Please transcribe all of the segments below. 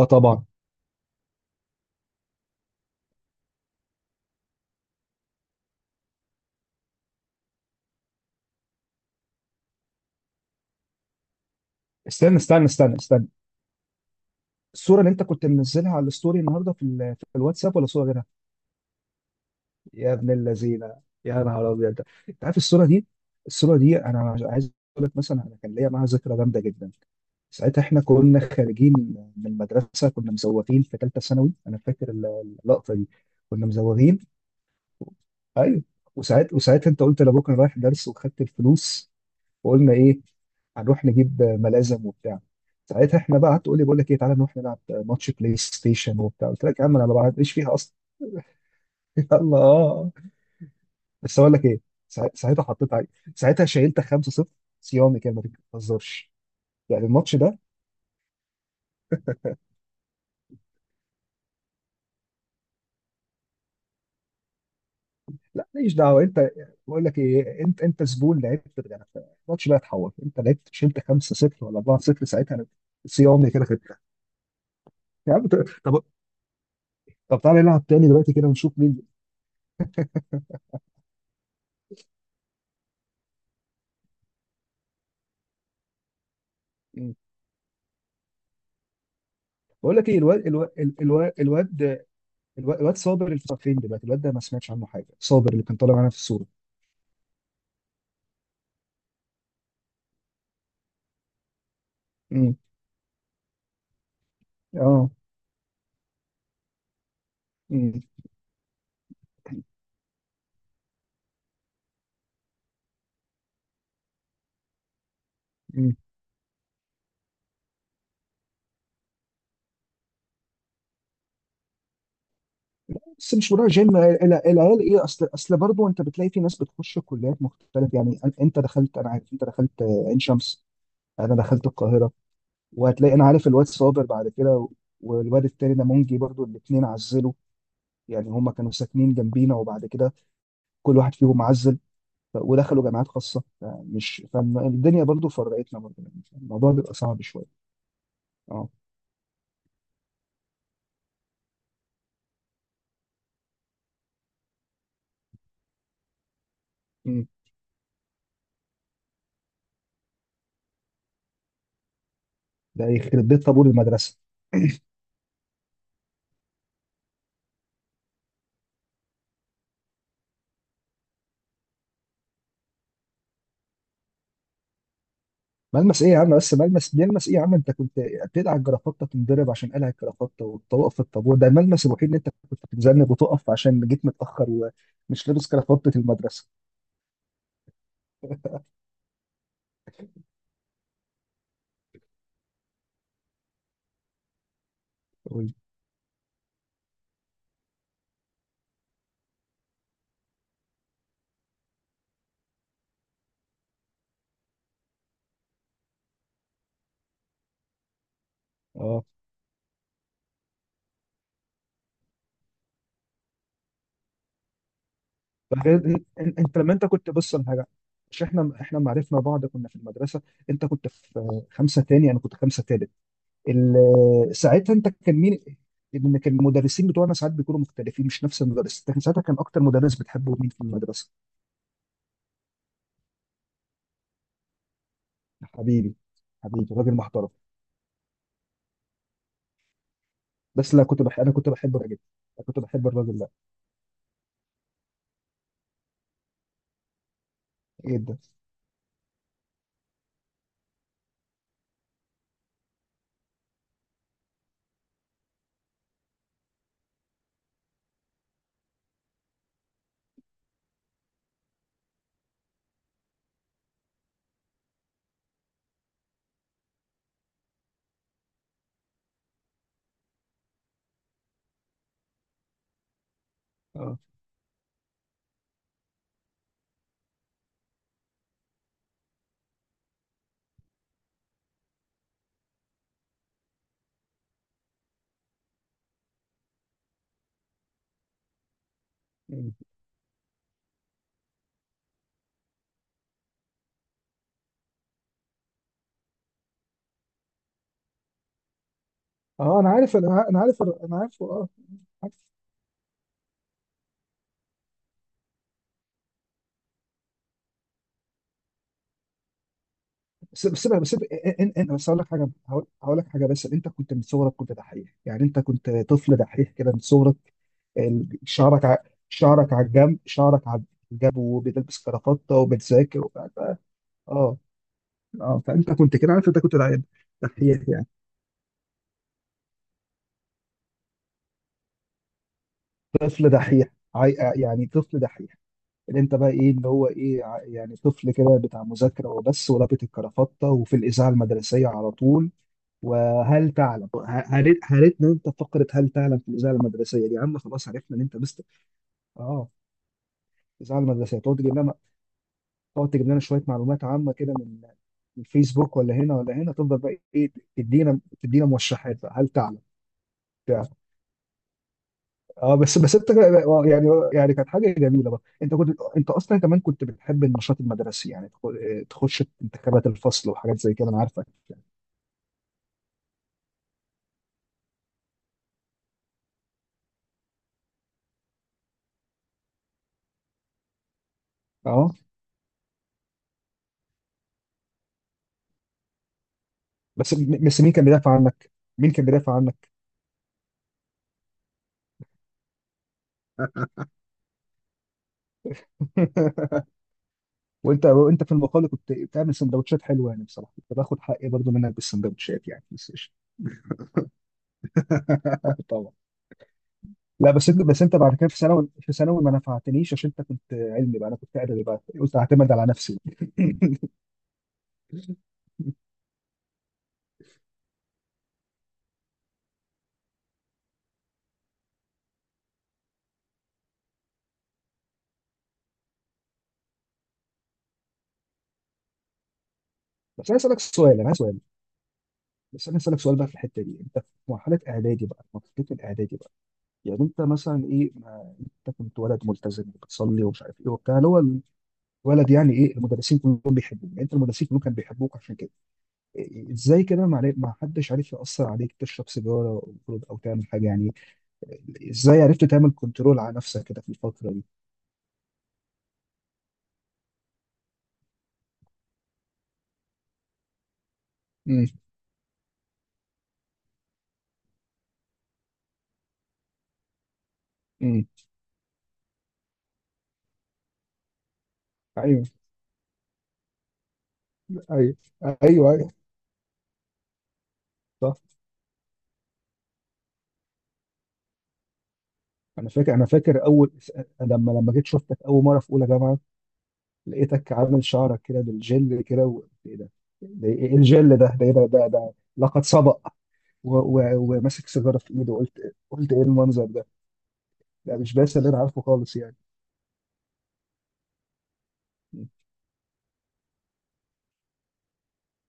اه، طبعا. استنى استنى استنى استنى. الصورة اللي انت كنت منزلها على الستوري النهارده في الواتساب ولا صورة غيرها؟ يا ابن اللذينة، يا نهار ابيض ده! انت عارف الصورة دي؟ الصورة دي انا عايز اقول لك مثلا انا كان ليا معاها ذكرى جامدة جدا. ساعتها احنا كنا خارجين من المدرسة، كنا مزوغين في ثالثة ثانوي. انا فاكر اللقطة دي، كنا مزوغين. ايوه، وساعتها انت قلت لابوك انا رايح درس وخدت الفلوس، وقلنا ايه، هنروح نجيب ملازم وبتاع. ساعتها احنا بقى قعدت تقول لي بقول لك ايه، تعالى نروح نلعب ماتش بلاي ستيشن وبتاع، قلت لك يا عم انا ما بعدش فيها اصلا. يلا، اه. بس اقول لك ايه، ساعتها حطيت عليك، ساعتها شايلت 5-0، صيامي كده، ما تهزرش. يعني الماتش ده، لا ماليش دعوه انت. بقول لك ايه، انت زبون لعبت بجد. يعني الماتش بقى اتحول، انت لعبت شلت 5-0 ولا 4-0 ساعتها. انا صيامي كده كده. يا عم طب طب، تعالى نلعب تاني دلوقتي كده ونشوف مين. بقول لك ايه، الواد صابر، اللي فين دلوقتي الواد ده؟ ما سمعتش عنه حاجه، صابر اللي كان طالع معانا في الصوره. امم. اه. امم. امم. بس مش بروح جيم العيال ايه، اصل برضه، انت بتلاقي في ناس بتخش كليات مختلفه يعني. انت دخلت، انا عارف انت دخلت، عين شمس، انا دخلت القاهره. وهتلاقي انا عارف الواد صابر بعد كده والواد التاني ده منجي، برضه الاثنين عزلوا. يعني هما كانوا ساكنين جنبينا، وبعد كده كل واحد فيهم عزل، ودخلوا جامعات خاصه. فمش، فالدنيا برضو فرقتنا برضو، يعني الموضوع بيبقى صعب شويه. اه. مم. ده يخرب بيت طابور المدرسه! ملمس ايه يا عم بس، ملمس بيلمس ايه يا عم؟ انت كنت بتقلع الجرافطه تنضرب عشان قلع الجرافطه، وتوقف في الطابور، ده الملمس الوحيد اللي انت كنت بتتذنب وتقف عشان جيت متاخر ومش لابس جرافطه المدرسه. قول. اه. فغير إن- إن- انت لما انت كنت بص على حاجه، مش احنا ما عرفنا بعض كنا في المدرسه، انت كنت في خمسه تاني، انا كنت خمسه تالت. ساعتها انت كان مين، ان كان المدرسين بتوعنا ساعات بيكونوا مختلفين، مش نفس المدرس؟ احنا ساعتها كان اكتر مدرس بتحبه مين في المدرسه؟ حبيبي، حبيبي راجل محترم. بس لا، انا كنت بحب الراجل، انا كنت بحب الراجل ده جدا. اه، اه، انا عارفه. اه. بس إن إن بس هقول لك حاجه هقول هقول لك حاجه، بس انت كنت من صغرك كنت دحيح، يعني انت كنت طفل دحيح كده من صغرك. ال- شعرك ع... شعرك على الجنب، وبتلبس كرافتة، وبتذاكر وبتاع. اه، اه. فانت كنت كده، عارف انت كنت دحيح، يعني طفل دحيح. يعني طفل دحيح، اللي انت بقى ايه، اللي هو ايه، يعني طفل كده بتاع مذاكره وبس، ولابس الكرافتة، وفي الاذاعه المدرسيه على طول. وهل تعلم، هريتنا انت فقره هل تعلم في الاذاعه المدرسيه دي، يا عم خلاص عرفنا ان انت مستر. اه. الاذاعه المدرسيه، تقعد تجيب لنا شويه معلومات عامه كده من الفيسبوك، ولا هنا ولا هنا، تفضل بقى ايه، تدينا موشحات بقى، هل تعلم، بتاع. اه. بس انت، يعني كانت حاجه جميله بقى، انت اصلا كمان كنت بتحب النشاط المدرسي، يعني تخش انتخابات الفصل وحاجات زي كده، انا عارفك يعني. اه. بس مين كان بيدافع عنك؟ مين كان بيدافع عنك؟ وانت في المقابل كنت بتعمل سندوتشات حلوه، يعني بصراحه كنت باخد حقي برضو منك بالسندوتشات يعني، بس إيش. طبعا. لا، بس انت بعد كده، في ثانوي ما نفعتنيش عشان انت كنت علمي بقى، انا كنت ادبي بقى قلت اعتمد على نفسي. بس انا اسالك سؤال انا عايز سؤال بس انا اسالك سؤال بقى في الحته دي، انت في مرحله الاعدادي بقى، يعني انت مثلا ايه، ما انت كنت ولد ملتزم، بتصلي ومش عارف ايه وبتاع، اللي هو الولد يعني ايه، المدرسين كلهم بيحبوك، يعني انت المدرسين كلهم كانوا بيحبوك. عشان كده ازاي كده، ما حدش عارف يأثر عليك تشرب سيجارة او خروج أو تعمل حاجة يعني؟ ازاي عرفت تعمل كنترول على نفسك كده في الفترة دي؟ امم. امم. ايوه. ايوه. ايوه. ايوه. صح. انا فاكر اول لما جيت شفتك اول مرة في اولى جامعة، لقيتك عامل شعرك كده بالجل كده ايه ده، ده ايه الجل ده ده ايه ده ده, ده لقد سبق. وماسك سيجارة في ايده، قلت ايه المنظر ده، ده مش باسل اللي انا عارفه خالص يعني. مم.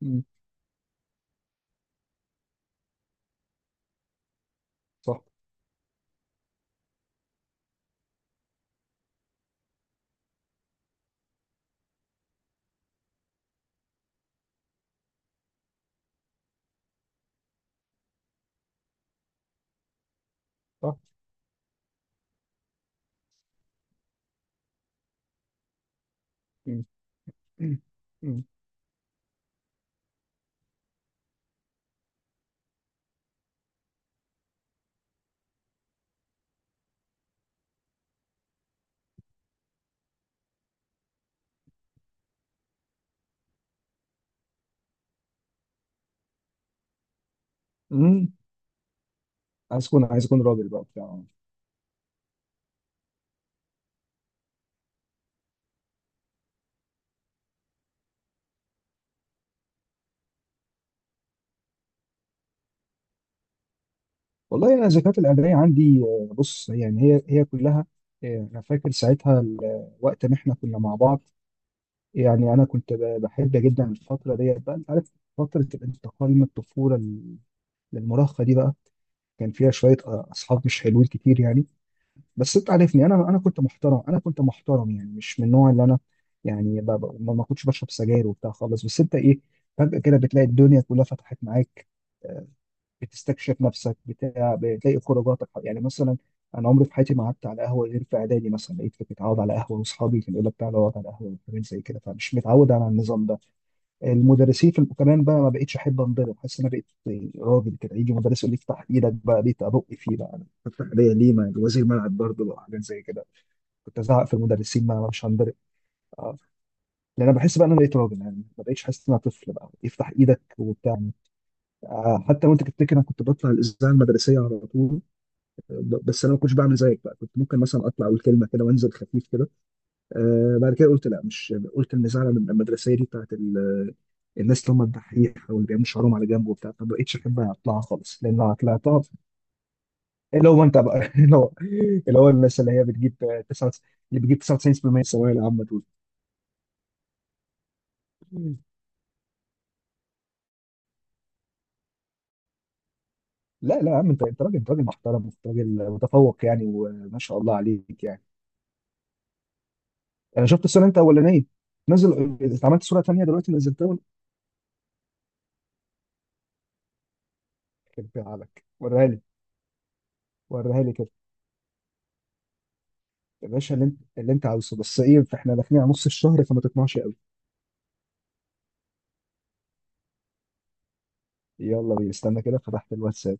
مم. صح، صح. مم. مم. امم. عايز اكون راجل بقى بتاع. والله انا الذكريات الاعداديه عندي، بص يعني، هي كلها، انا فاكر ساعتها وقت ما احنا كنا مع بعض، يعني انا كنت بحب جدا الفتره ديت بقى، انت عارف، فتره الانتقال من الطفوله للمراهقه دي بقى، كان فيها شويه اصحاب مش حلوين كتير يعني. بس انت عارفني، انا كنت محترم، انا كنت محترم يعني مش من النوع اللي انا، يعني ما كنتش بشرب سجاير وبتاع خالص. بس انت ايه، فجاه كده بتلاقي الدنيا كلها فتحت معاك. آه، بتستكشف نفسك بتاع، بتلاقي خروجاتك، يعني مثلا انا عمري في حياتي ما قعدت على قهوه غير في اعدادي، مثلا لقيت كنت متعود على قهوه، واصحابي كانوا يقول لك تعالى اقعد على قهوه، وحاجات زي كده، فمش متعود على النظام ده. المدرسين في كمان بقى ما بقتش احب انضرب، حاسس ان انا بقيت راجل كده، يجي مدرس يقول لي افتح ايدك بقى ليه، ابق فيه بقى أنا افتح ايديا ليه، ما وزير ملعب برضه بقى، حاجات زي كده. كنت ازعق في المدرسين بقى، أنا مش هنضرب. آه. لان انا بحس بقى ان انا بقيت راجل، يعني ما بقتش حاسس ان انا طفل بقى افتح ايدك وبتاع. حتى وانت تفتكر انا كنت بطلع الاذاعه المدرسيه على طول، بس انا ما كنتش بعمل زيك بقى، كنت ممكن مثلا اطلع اقول كلمه كده وانزل خفيف كده. بعد كده قلت لا، مش قلت المزعله من المدرسيه دي بتاعت الناس اللي هم الدحيح، او اللي بيعملوا شعرهم على جنب وبتاع، ما بقتش احب اطلعها خالص، لان لو طلعتها اللي هو انت بقى. اللي هو اللي هو الناس اللي هي بتجيب 9، اللي بتجيب 99% الثانويه العامه دول. لا لا يا عم، انت راجل، انت راجل محترم، انت راجل متفوق يعني، وما شاء الله عليك يعني. انا شفت الصوره، انت الاولانيه اتعملت صوره تانيه دلوقتي نزلتها. يخرب بيت عليك، وريها لي، وريها لي كده. يا باشا، اللي انت عاوزه، بس ايه، فاحنا داخلين على نص الشهر، فما تطمعش قوي. يلا بينا، استنى كده، فتحت الواتساب.